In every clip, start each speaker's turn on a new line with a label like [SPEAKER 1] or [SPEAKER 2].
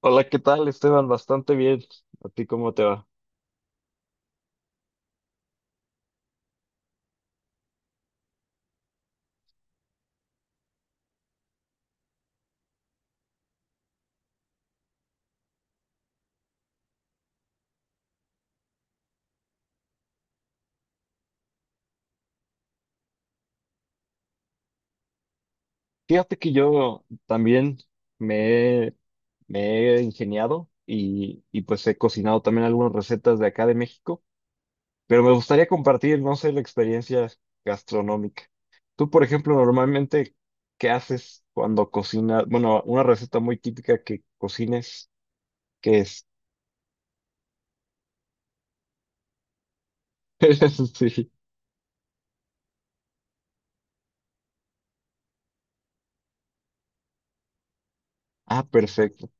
[SPEAKER 1] Hola, ¿qué tal, Esteban? Bastante bien. ¿A ti cómo te va? Fíjate que yo también me, he- me he ingeniado y pues he cocinado también algunas recetas de acá de México, pero me gustaría compartir, no sé, la experiencia gastronómica. Tú, por ejemplo, normalmente, ¿qué haces cuando cocinas? Bueno, una receta muy típica que cocines, ¿qué es? Sí. Ah, perfecto.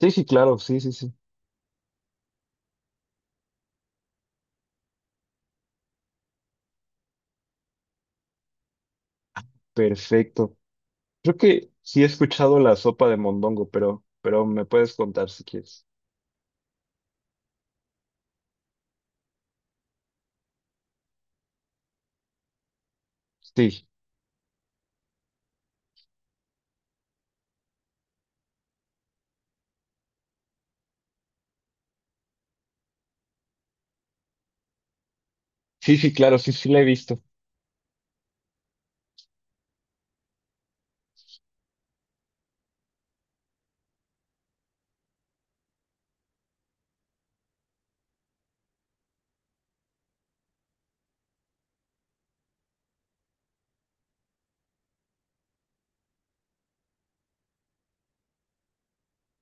[SPEAKER 1] Sí, sí, claro, sí, sí, sí. Perfecto. Creo que sí he escuchado la sopa de mondongo, pero me puedes contar si quieres. Sí, sí, sí, claro, sí, sí la he visto.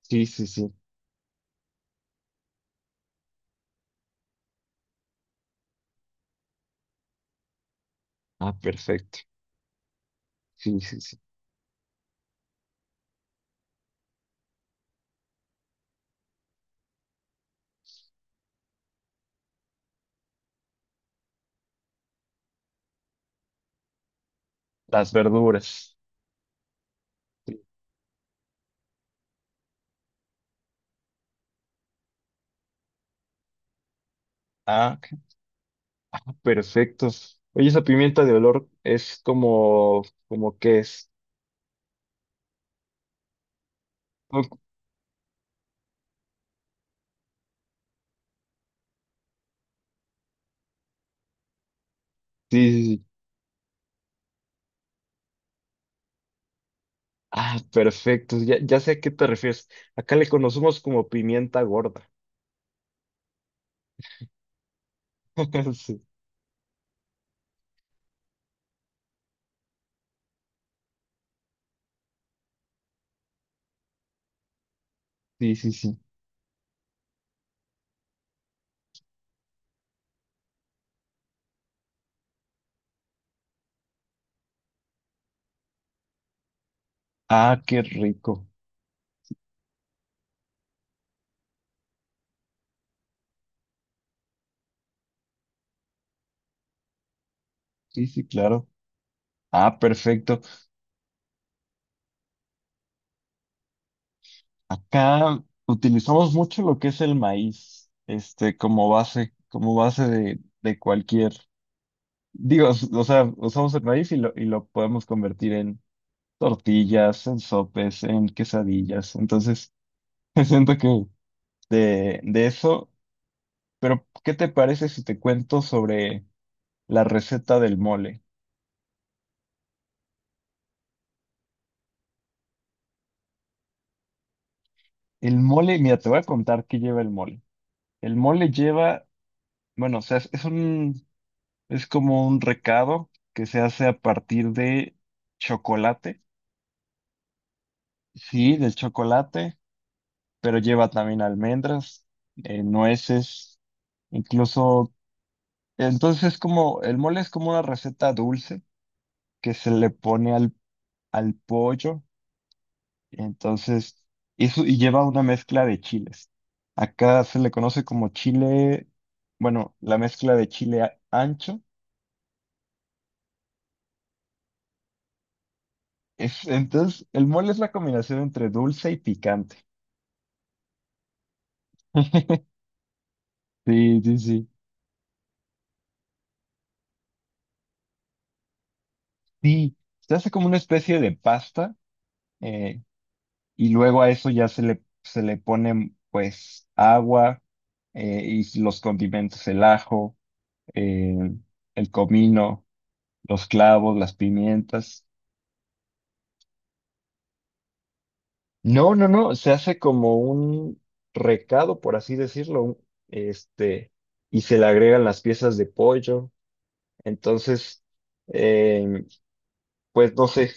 [SPEAKER 1] Sí, sí, sí. Ah, perfecto. Sí, sí, sí. Las verduras. Sí. Ah, ok. Ah, perfecto. Oye, esa pimienta de olor es como, como que es. Oh, sí, sí, sí. Ah, perfecto. Ya, ya sé a qué te refieres. Acá le conocemos como pimienta gorda. Sí, sí, sí, sí. Ah, qué rico. Sí, sí, claro. Ah, perfecto. Acá utilizamos mucho lo que es el maíz, este, como base de cualquier, digo, o sea, usamos el maíz y lo podemos convertir en tortillas, en sopes, en quesadillas. Entonces, siento que de eso, pero ¿qué te parece si te cuento sobre la receta del mole? El mole, mira, te voy a contar qué lleva el mole. El mole lleva, bueno, o sea, es un. Es como un recado que se hace a partir de chocolate. Sí, del chocolate, pero lleva también almendras, nueces, incluso... Entonces, como el mole es como una receta dulce que se le pone al pollo, entonces, eso, y lleva una mezcla de chiles. Acá se le conoce como chile, bueno, la mezcla de ancho. Es, entonces, el mole es la combinación entre dulce y picante. Sí, sí, sí. Sí, se hace como una especie de pasta eh, y luego a eso ya se le pone pues agua, y los condimentos, el ajo, eh, el comino, los clavos, las pimientas. No, no, no, se hace como un recado, por así decirlo, un, este, y se le agregan las piezas de pollo. Entonces, eh, pues no sé.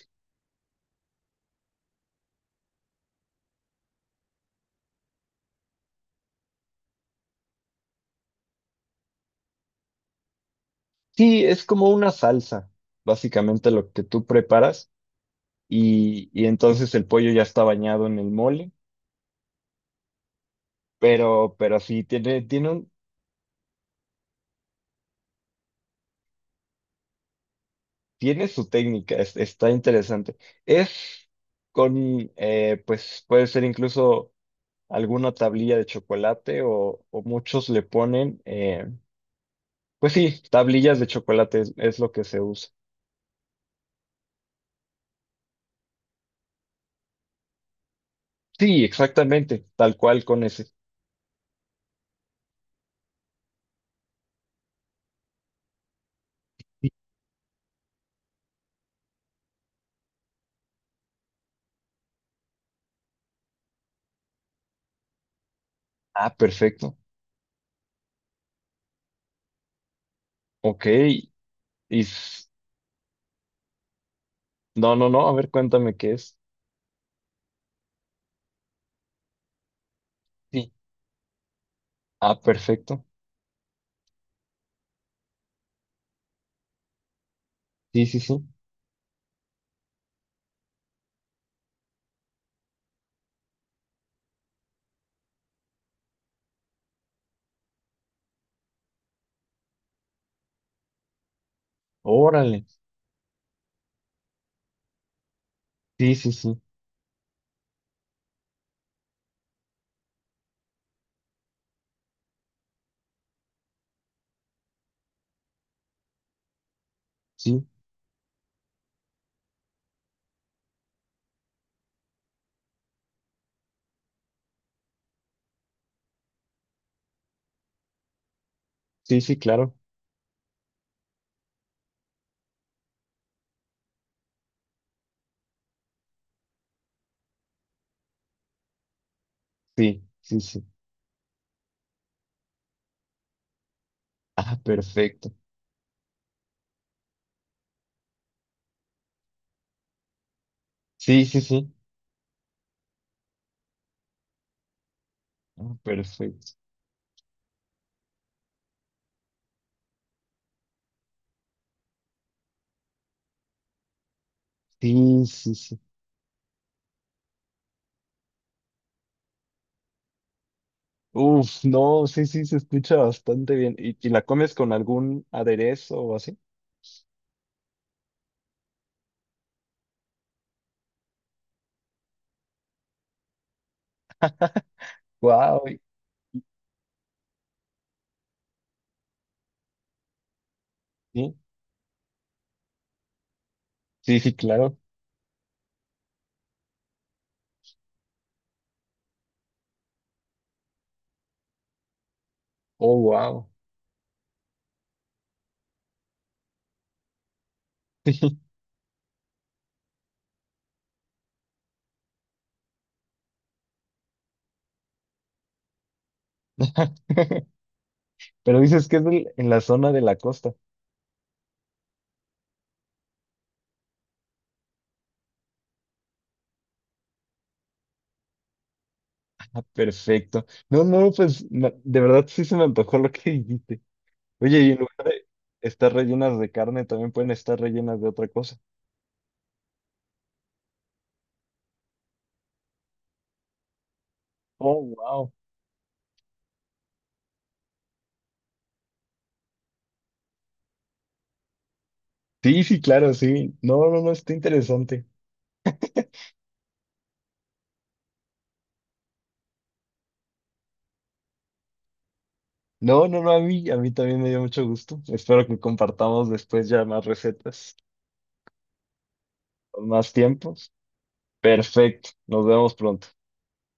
[SPEAKER 1] Sí, es como una salsa, básicamente lo que tú preparas y entonces el pollo ya está bañado en el mole, pero sí, tiene un, tiene su técnica, está interesante. Es con, pues puede ser incluso alguna tablilla de chocolate o muchos le ponen, pues sí, tablillas de chocolate es lo que se usa. Sí, exactamente, tal cual con ese. Ah, perfecto. Ok, y... No, no, no, a ver, cuéntame qué es. Sí. Ah, perfecto. Sí, sí, sí. Órale. Sí, sí, sí. Sí, sí, sí, claro. Sí, sí, sí. Ah, perfecto. Sí, sí, sí. Ah, perfecto. Sí, sí, sí. Uf, no, sí, sí, se escucha bastante bien. Y la comes con algún aderezo o así? Wow. Sí, sí, sí, claro. Oh, wow. Pero dices que es en la zona de la costa. Perfecto. No, no, pues de verdad sí se me antojó lo que dijiste. Oye, y en lugar de estar rellenas de carne, también pueden estar rellenas de otra cosa. Oh, wow. Sí, sí, claro, sí. No, no, no, está interesante. No, no, no, a mí también me dio mucho gusto. Espero que compartamos después ya más recetas, con más tiempos. Perfecto. Nos vemos pronto.